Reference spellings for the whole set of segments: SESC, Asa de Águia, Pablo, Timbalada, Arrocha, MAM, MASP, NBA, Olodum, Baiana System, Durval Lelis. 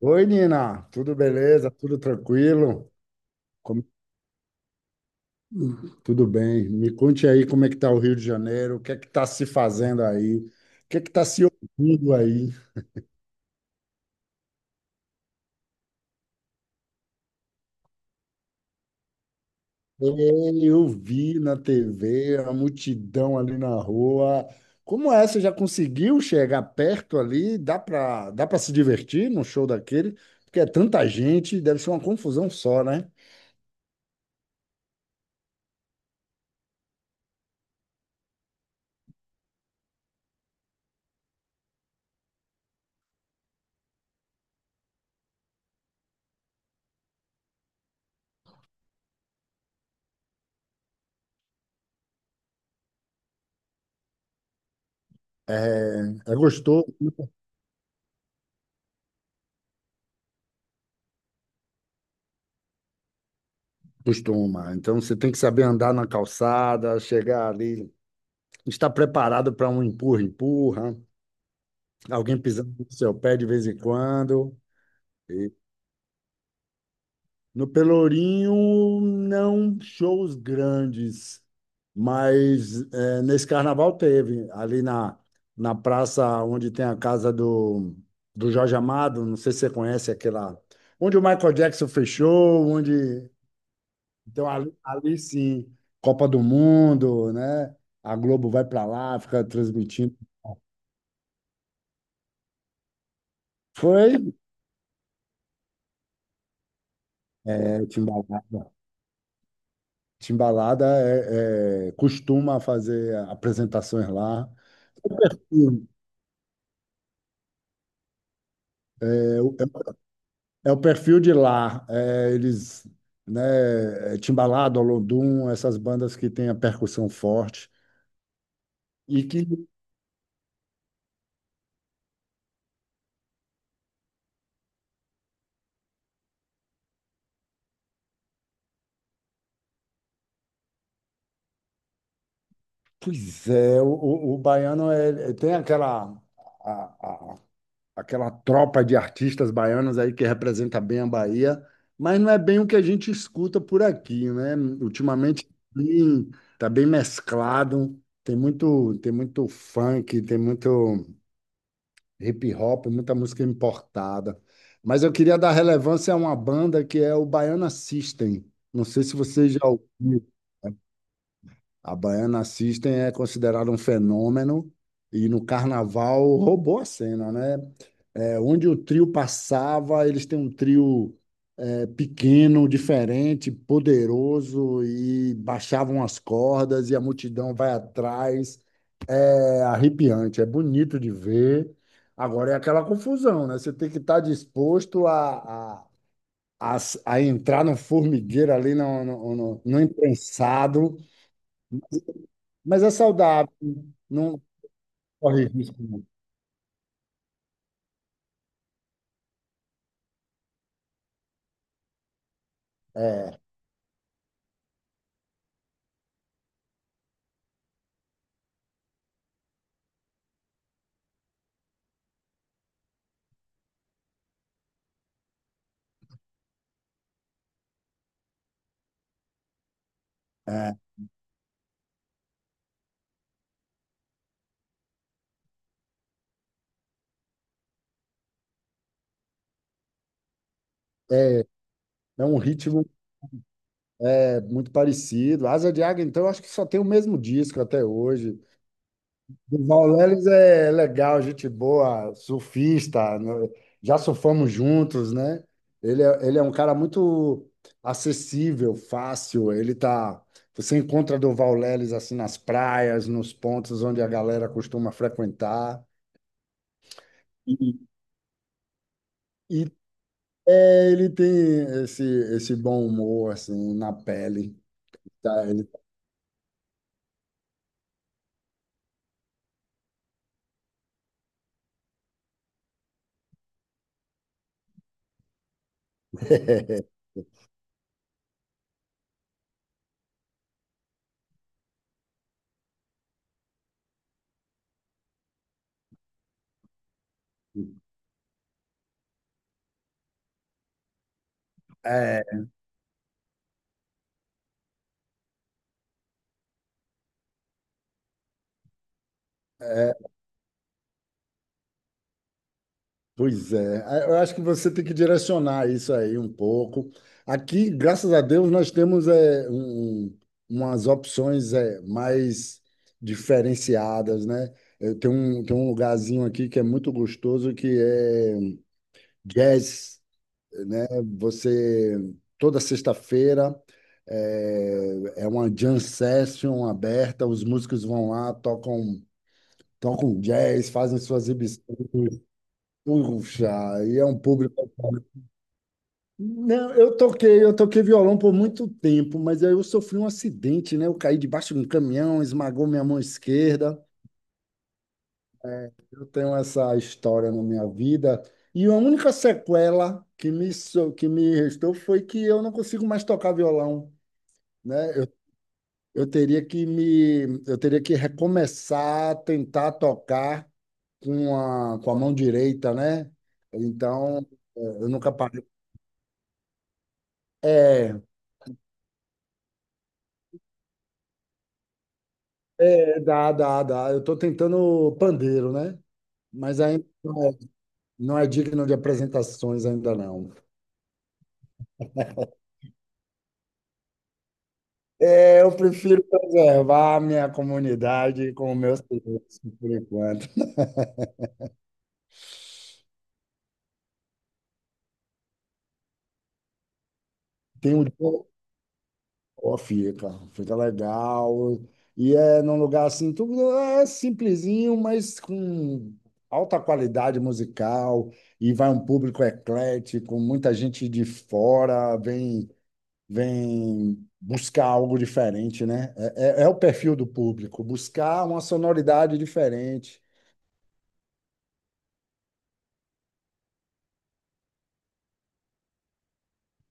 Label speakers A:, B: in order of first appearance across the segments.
A: Oi, Nina, tudo beleza? Tudo tranquilo? Como- Tudo bem. Me conte aí como é que tá o Rio de Janeiro, o que é que tá se fazendo aí, o que é que tá se ouvindo aí. Ei, eu vi na TV a multidão ali na rua. Como é? Você já conseguiu chegar perto ali? Dá para se divertir num show daquele? Porque é tanta gente, deve ser uma confusão só, né? É, é gostoso, né? Costuma. Então você tem que saber andar na calçada, chegar ali. Está preparado para um empurra-empurra, alguém pisando no seu pé de vez em quando. E no Pelourinho, não shows grandes, mas nesse carnaval teve, na praça onde tem a casa do Jorge Amado, não sei se você conhece aquela. Onde o Michael Jackson fechou, onde. Então, ali sim, Copa do Mundo, né? A Globo vai para lá, fica transmitindo. Foi, é, Timbalada. Timbalada costuma fazer apresentações lá. Hum. É, o é o perfil de lá. É, eles, né, é Timbalada, Olodum, essas bandas que têm a percussão forte. E que, pois é, o baiano é, tem a, aquela tropa de artistas baianos aí que representa bem a Bahia, mas não é bem o que a gente escuta por aqui, né? Ultimamente sim, tá bem mesclado, tem muito funk, tem muito hip hop, muita música importada. Mas eu queria dar relevância a uma banda que é o Baiana System. Não sei se você já ouviu. A Baiana System é considerada um fenômeno e no carnaval roubou a cena, né? É, onde o trio passava, eles têm um trio pequeno, diferente, poderoso e baixavam as cordas e a multidão vai atrás. É arrepiante, é bonito de ver. Agora é aquela confusão, né? Você tem que estar disposto a entrar no formigueiro ali, no imprensado, mas é saudável, não corre risco. Não. É, é, é um ritmo. É muito parecido. Asa de Águia, então, eu acho que só tem o mesmo disco até hoje. Durval Lelis é legal, gente boa, surfista, né? Já surfamos juntos, né? Ele é um cara muito acessível, fácil. Ele tá. Você encontra Durval Lelis assim nas praias, nos pontos onde a galera costuma frequentar. E, e é, ele tem esse, esse bom humor assim na pele. Tá? É, pois é. É, eu acho que você tem que direcionar isso aí um pouco. Aqui, graças a Deus, nós temos um, umas opções mais diferenciadas, né? Tem um lugarzinho aqui que é muito gostoso, que é jazz, né? Você, toda sexta-feira, é uma jam session aberta, os músicos vão lá, tocam, tocam jazz, fazem suas exibições. Puxa, e é um público. Não, eu toquei violão por muito tempo, mas aí eu sofri um acidente, né? Eu caí debaixo de um caminhão, esmagou minha mão esquerda. É, eu tenho essa história na minha vida. E a única sequela que que me restou foi que eu não consigo mais tocar violão, né? Eu teria eu teria que recomeçar a tentar tocar com a mão direita, né? Então, é, eu nunca parei. É, dá. Eu estou tentando pandeiro, né? Mas ainda não é digno de apresentações ainda não. É, eu prefiro preservar a minha comunidade com os meus clientes, por enquanto. Tem um dia, ó, fica legal. E é num lugar assim, tudo é simplesinho, mas com alta qualidade musical. E vai um público eclético, muita gente de fora, vem buscar algo diferente, né? É, é o perfil do público, buscar uma sonoridade diferente.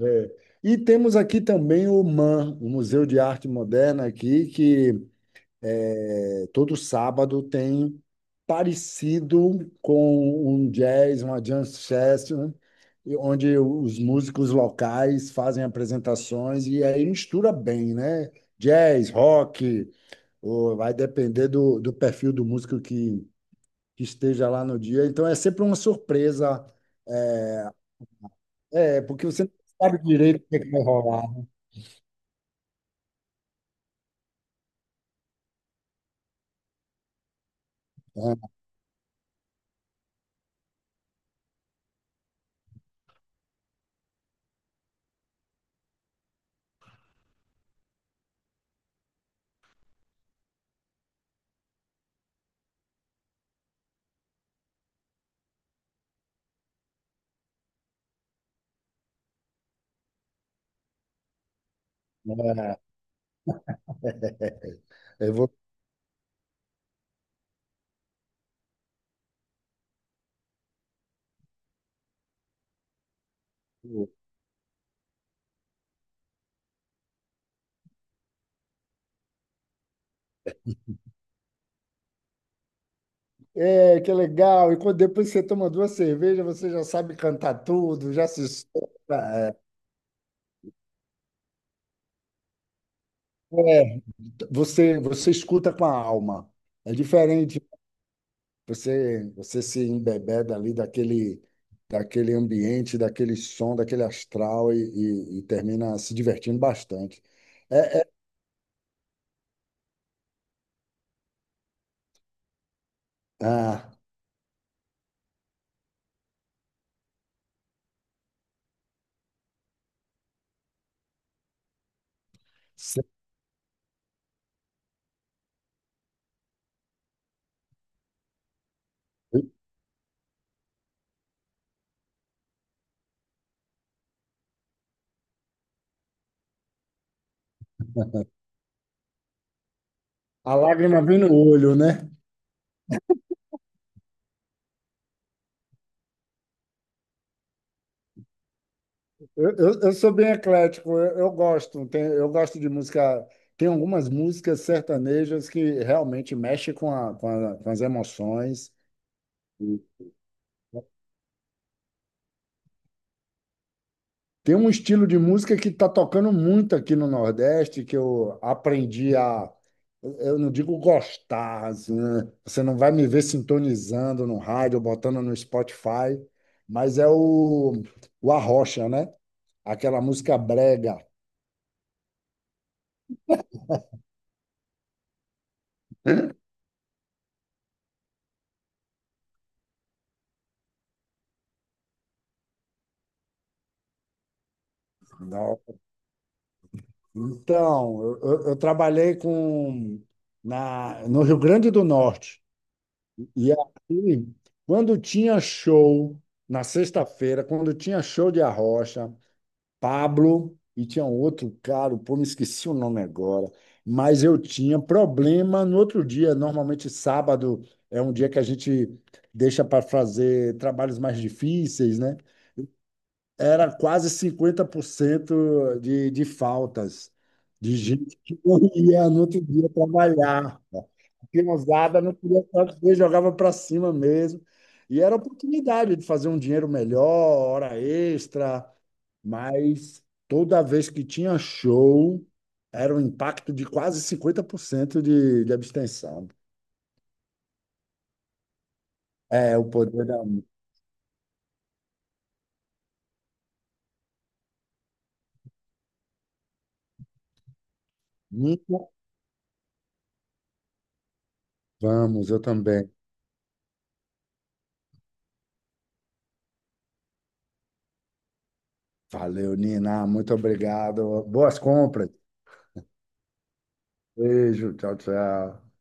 A: É. E temos aqui também o MAM, o Museu de Arte Moderna aqui, que é, todo sábado tem parecido com um jazz, uma jam session, onde os músicos locais fazem apresentações e aí mistura bem, né? Jazz, rock, ou vai depender do perfil do músico que esteja lá no dia. Então é sempre uma surpresa, é, porque você não sabe direito o que é que vai rolar. Né? É, é, vo- é, que legal! E quando depois você toma duas cervejas, você já sabe cantar tudo, já se solta. É, é, você, você escuta com a alma. É diferente. Você se embebeda ali daquele, daquele ambiente, daquele som, daquele astral e e termina se divertindo bastante. É, é. Ah, sei. A lágrima vem no olho, né? Eu sou bem eclético, eu gosto, tem, eu gosto de música. Tem algumas músicas sertanejas que realmente mexem com as emoções. Tem um estilo de música que está tocando muito aqui no Nordeste, que eu aprendi a. Eu não digo gostar, assim, né? Você não vai me ver sintonizando no rádio, botando no Spotify, mas é o Arrocha, né? Aquela música brega. Não. Então, eu trabalhei com na, no Rio Grande do Norte. E aí, quando tinha show na sexta-feira, quando tinha show de Arrocha, Pablo e tinha um outro cara, pô, me esqueci o nome agora, mas eu tinha problema no outro dia. Normalmente sábado é um dia que a gente deixa para fazer trabalhos mais difíceis, né? Era quase 50% de faltas de gente que não ia no outro dia trabalhar. A criançada não queria fazer, jogava para cima mesmo. E era a oportunidade de fazer um dinheiro melhor, hora extra, mas toda vez que tinha show, era um impacto de quase 50% de abstenção. É, o poder da música. Vamos, eu também. Valeu, Nina. Muito obrigado. Boas compras. Beijo. Tchau, tchau.